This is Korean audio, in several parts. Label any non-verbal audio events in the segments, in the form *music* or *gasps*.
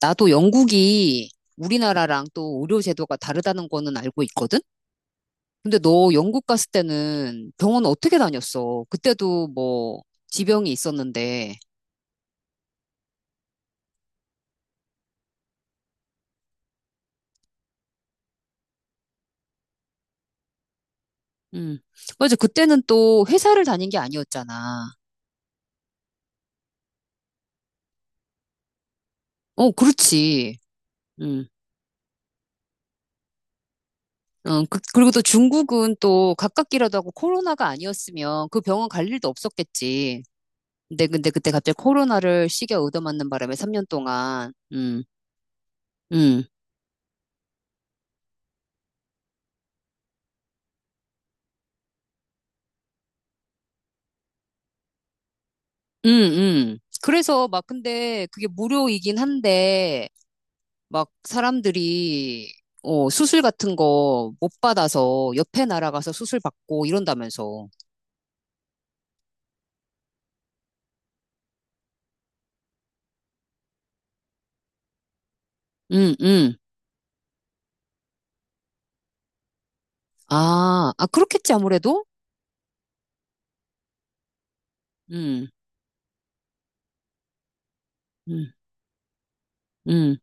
나도 영국이 우리나라랑 또 의료 제도가 다르다는 거는 알고 있거든? 근데 너 영국 갔을 때는 병원 어떻게 다녔어? 그때도 뭐 지병이 있었는데. 음. 맞아. 그때는 또 회사를 다닌 게 아니었잖아. 어, 그렇지. 음. 어, 그, 리고또 중국은 또 가깝기라도 하고 코로나가 아니었으면 그 병원 갈 일도 없었겠지. 근데 그때 갑자기 코로나를 시계 얻어맞는 바람에 3년 동안 음. 음, 음. 그래서 막 근데 그게 무료이긴 한데 막 사람들이 어, 수술 같은 거 못 받아서 옆에 나라 가서 수술 받고 이런다면서. 음, 음. 아, 아 그렇겠지 아무래도. 음, 음, 음.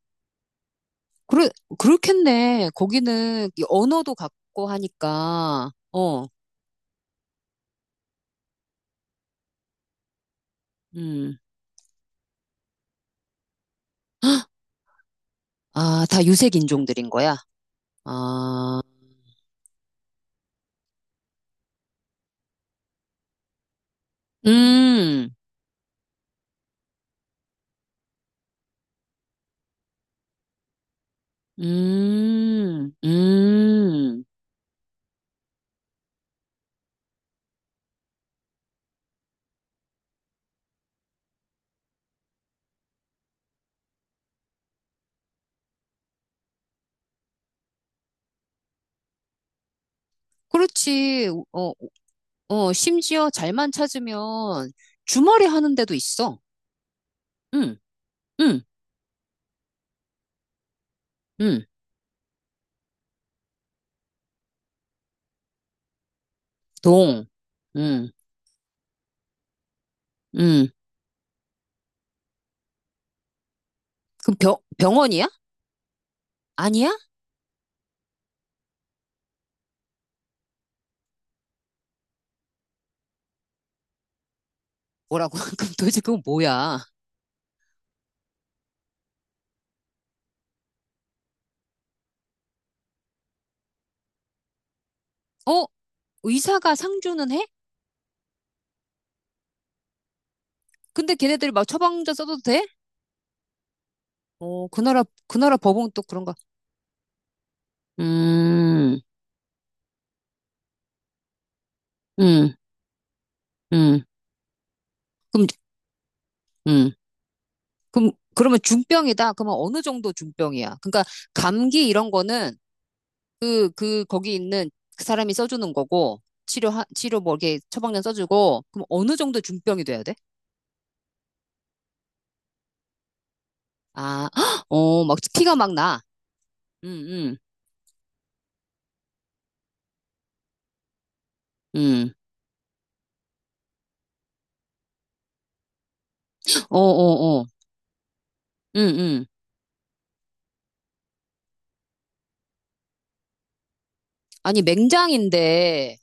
그래 그렇겠네. 거기는 이 언어도 같고 하니까 어, 음. 아, 다 유색 인종들인 거야. 아, 음, 음, 음. 그렇지. 어, 어, 심지어 잘만 찾으면 주말에 하는 데도 있어. 응, 응, 응. 동. 응, 응. 그럼 병원이야? 아니야? 뭐라고? *laughs* 그럼 도대체 그건 뭐야? 어, 의사가 상주는 해? 근데 걔네들 막 처방전 써도 돼? 어, 그 나라 법은 또 그런가? 음, 음, 음. 그럼, 음. 그럼, 그러면 중병이다? 그러면 어느 정도 중병이야? 그러니까 감기 이런 거는 거기 있는 그 사람이 써주는 거고, 치료 뭐 이렇게 처방전 써주고, 그럼 어느 정도 중병이 돼야 돼? 아, *gasps* 어, 막 피가 막 나. 응, 응, 응. 어, 어, 어. 응, 응. 아니, 맹장인데,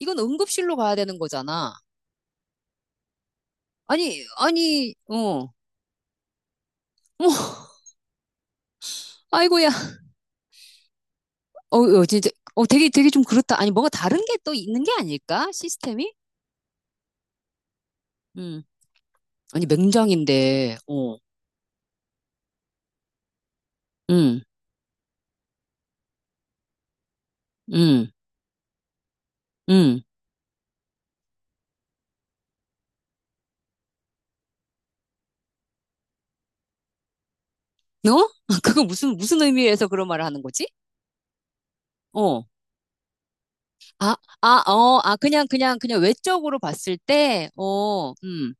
이건 응급실로 가야 되는 거잖아. 아니, 아니, 어, 어, *laughs* 아이고야. 어, 어, 진짜, 어, 되게 좀 그렇다. 아니, 뭔가 다른 게 또 있는 게 아닐까? 시스템이? 응. 아니, 맹장인데, 어, 응, 응, 응. 너? *laughs* 그거 무슨 의미에서 그런 말을 하는 거지? 어. 아, 아, 어, 아, 그냥 외적으로 봤을 때, 어,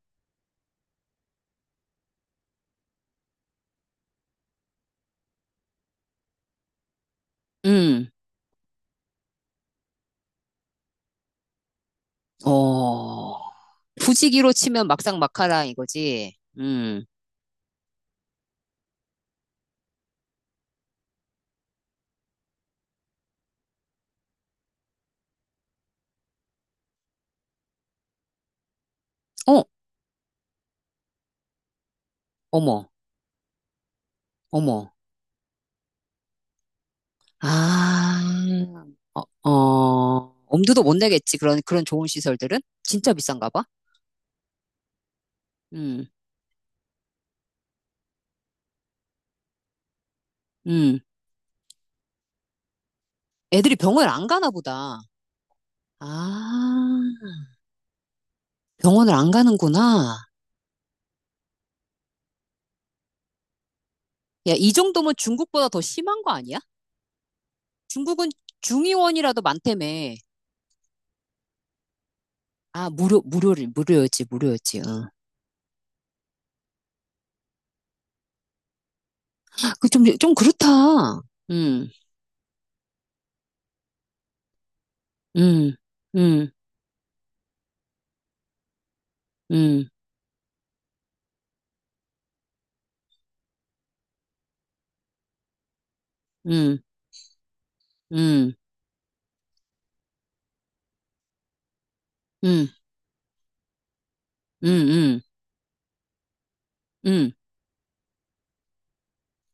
음, 어. 부지기로 치면 막상 막하라 이거지. 어, 어머, 어머. 아, 어, 엄두도 못 내겠지. 그런 좋은 시설들은? 진짜 비싼가 봐. 음, 음. 애들이 병원을 안 가나 보다. 아, 병원을 안 가는구나. 야, 이 정도면 중국보다 더 심한 거 아니야? 중국은 중의원이라도 많다며. 아, 무료였지. 어. 아, 그 좀, 좀 그렇다. 음, 음, 음, 음, 음, 음, 음, 음, 음, 음.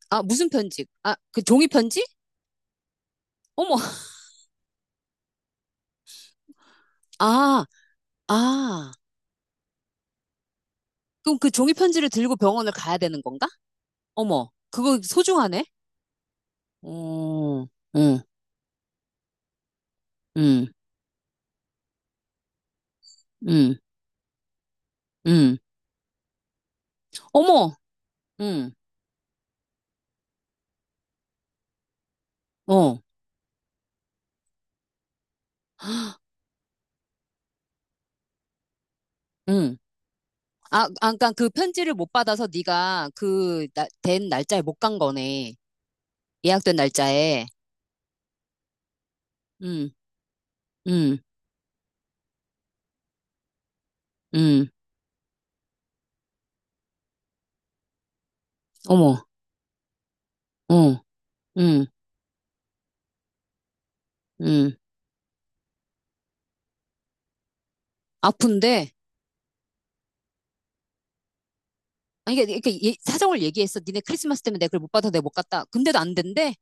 아, 무슨 편지? 아, 그 종이 편지? 어머, 아, 아. 그럼 그 종이 편지를 들고 병원을 가야 되는 건가? 어머, 그거 소중하네? 어, 응, 응, 응, 응. 어머, 응, 어, 응. 아, 아, 그러니까 그 편지를 못 받아서 네가 그 된 날짜에 못 간 거네. 예약된 날짜에. 응, 응, 응. 어머, 어, 응, 응. 아픈데. 아니, 이게 이렇게 예- 사정을 얘기했어. 니네 크리스마스 때문에 내가 그걸 못 받아서 내가 못 갔다. 근데도 안 된대.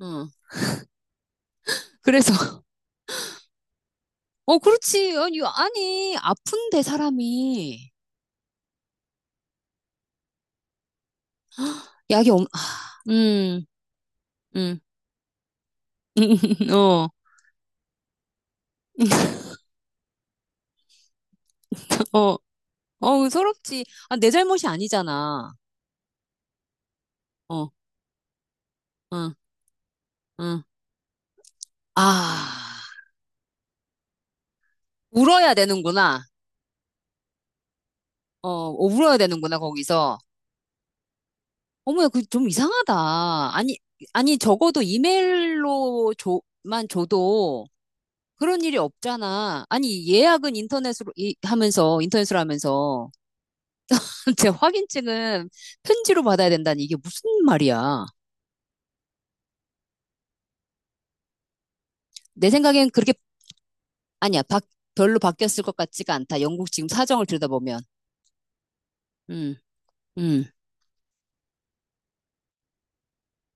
응. 그래서 *laughs* 어, 그렇지. 아니, 아니 아픈데 사람이 약이 없. 아, 음. *laughs* 어, 어, 어, 서럽지. 아, 내 잘못이 아니잖아. 어, 어, 어. 아, 울어야 되는구나. 어, 어, 울어야 되는구나, 거기서. 어머야, 그 좀 이상하다. 아니, 아니, 적어도 이메일로 줘, 만 줘도 그런 일이 없잖아. 아니, 예약은 인터넷으로 이, 하면서, 인터넷으로 하면서. *laughs* 제 확인증은 편지로 받아야 된다니, 이게 무슨 말이야. 내 생각엔 그렇게, 아니야, 바, 별로 바뀌었을 것 같지가 않다. 영국 지금 사정을 들여다보면. 음, 음,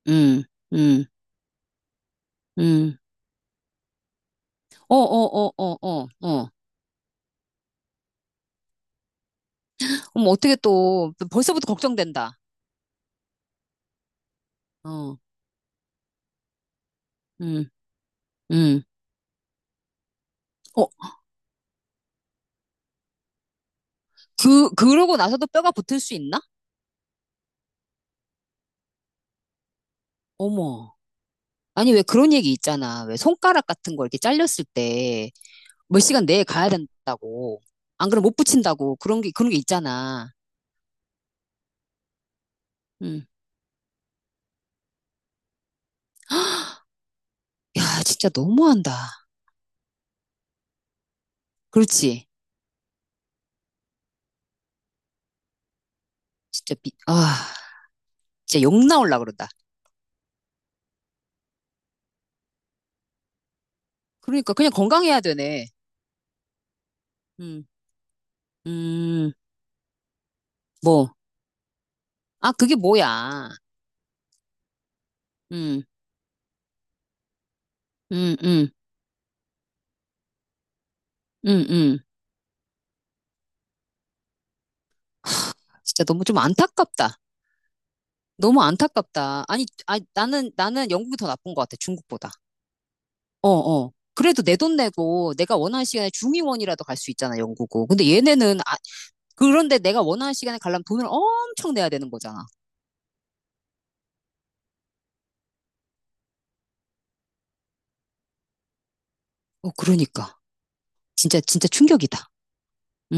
음, 음, 음. 어, 어, 어, 어, 어, 어. 어머, 어떻게 또, 벌써부터 걱정된다. 어, 음, 음. 어, 그, 그러고 나서도 뼈가 붙을 수 있나? 어머. 아니, 왜 그런 얘기 있잖아. 왜 손가락 같은 거 이렇게 잘렸을 때 몇 시간 내에 가야 된다고. 안 그러면 못 붙인다고. 그런 게 있잖아. 음. 야, 진짜 너무한다. 그렇지. 진짜 미, 아, 진짜 욕 나올라 그러다. 그러니까 그냥 건강해야 되네. 음, 음, 뭐. 아, 그게 뭐야. 음, 음, 음, 음, 음. 진짜 너무 좀 안타깝다. 너무 안타깝다. 아니, 아 나는 영국이 더 나쁜 것 같아, 중국보다. 어, 어. 그래도 내 돈 내고 내가 원하는 시간에 중의원이라도 갈 수 있잖아, 영국은. 근데 얘네는, 아, 그런데 내가 원하는 시간에 가려면 돈을 엄청 내야 되는 거잖아. 어, 그러니까. 진짜 충격이다. 음.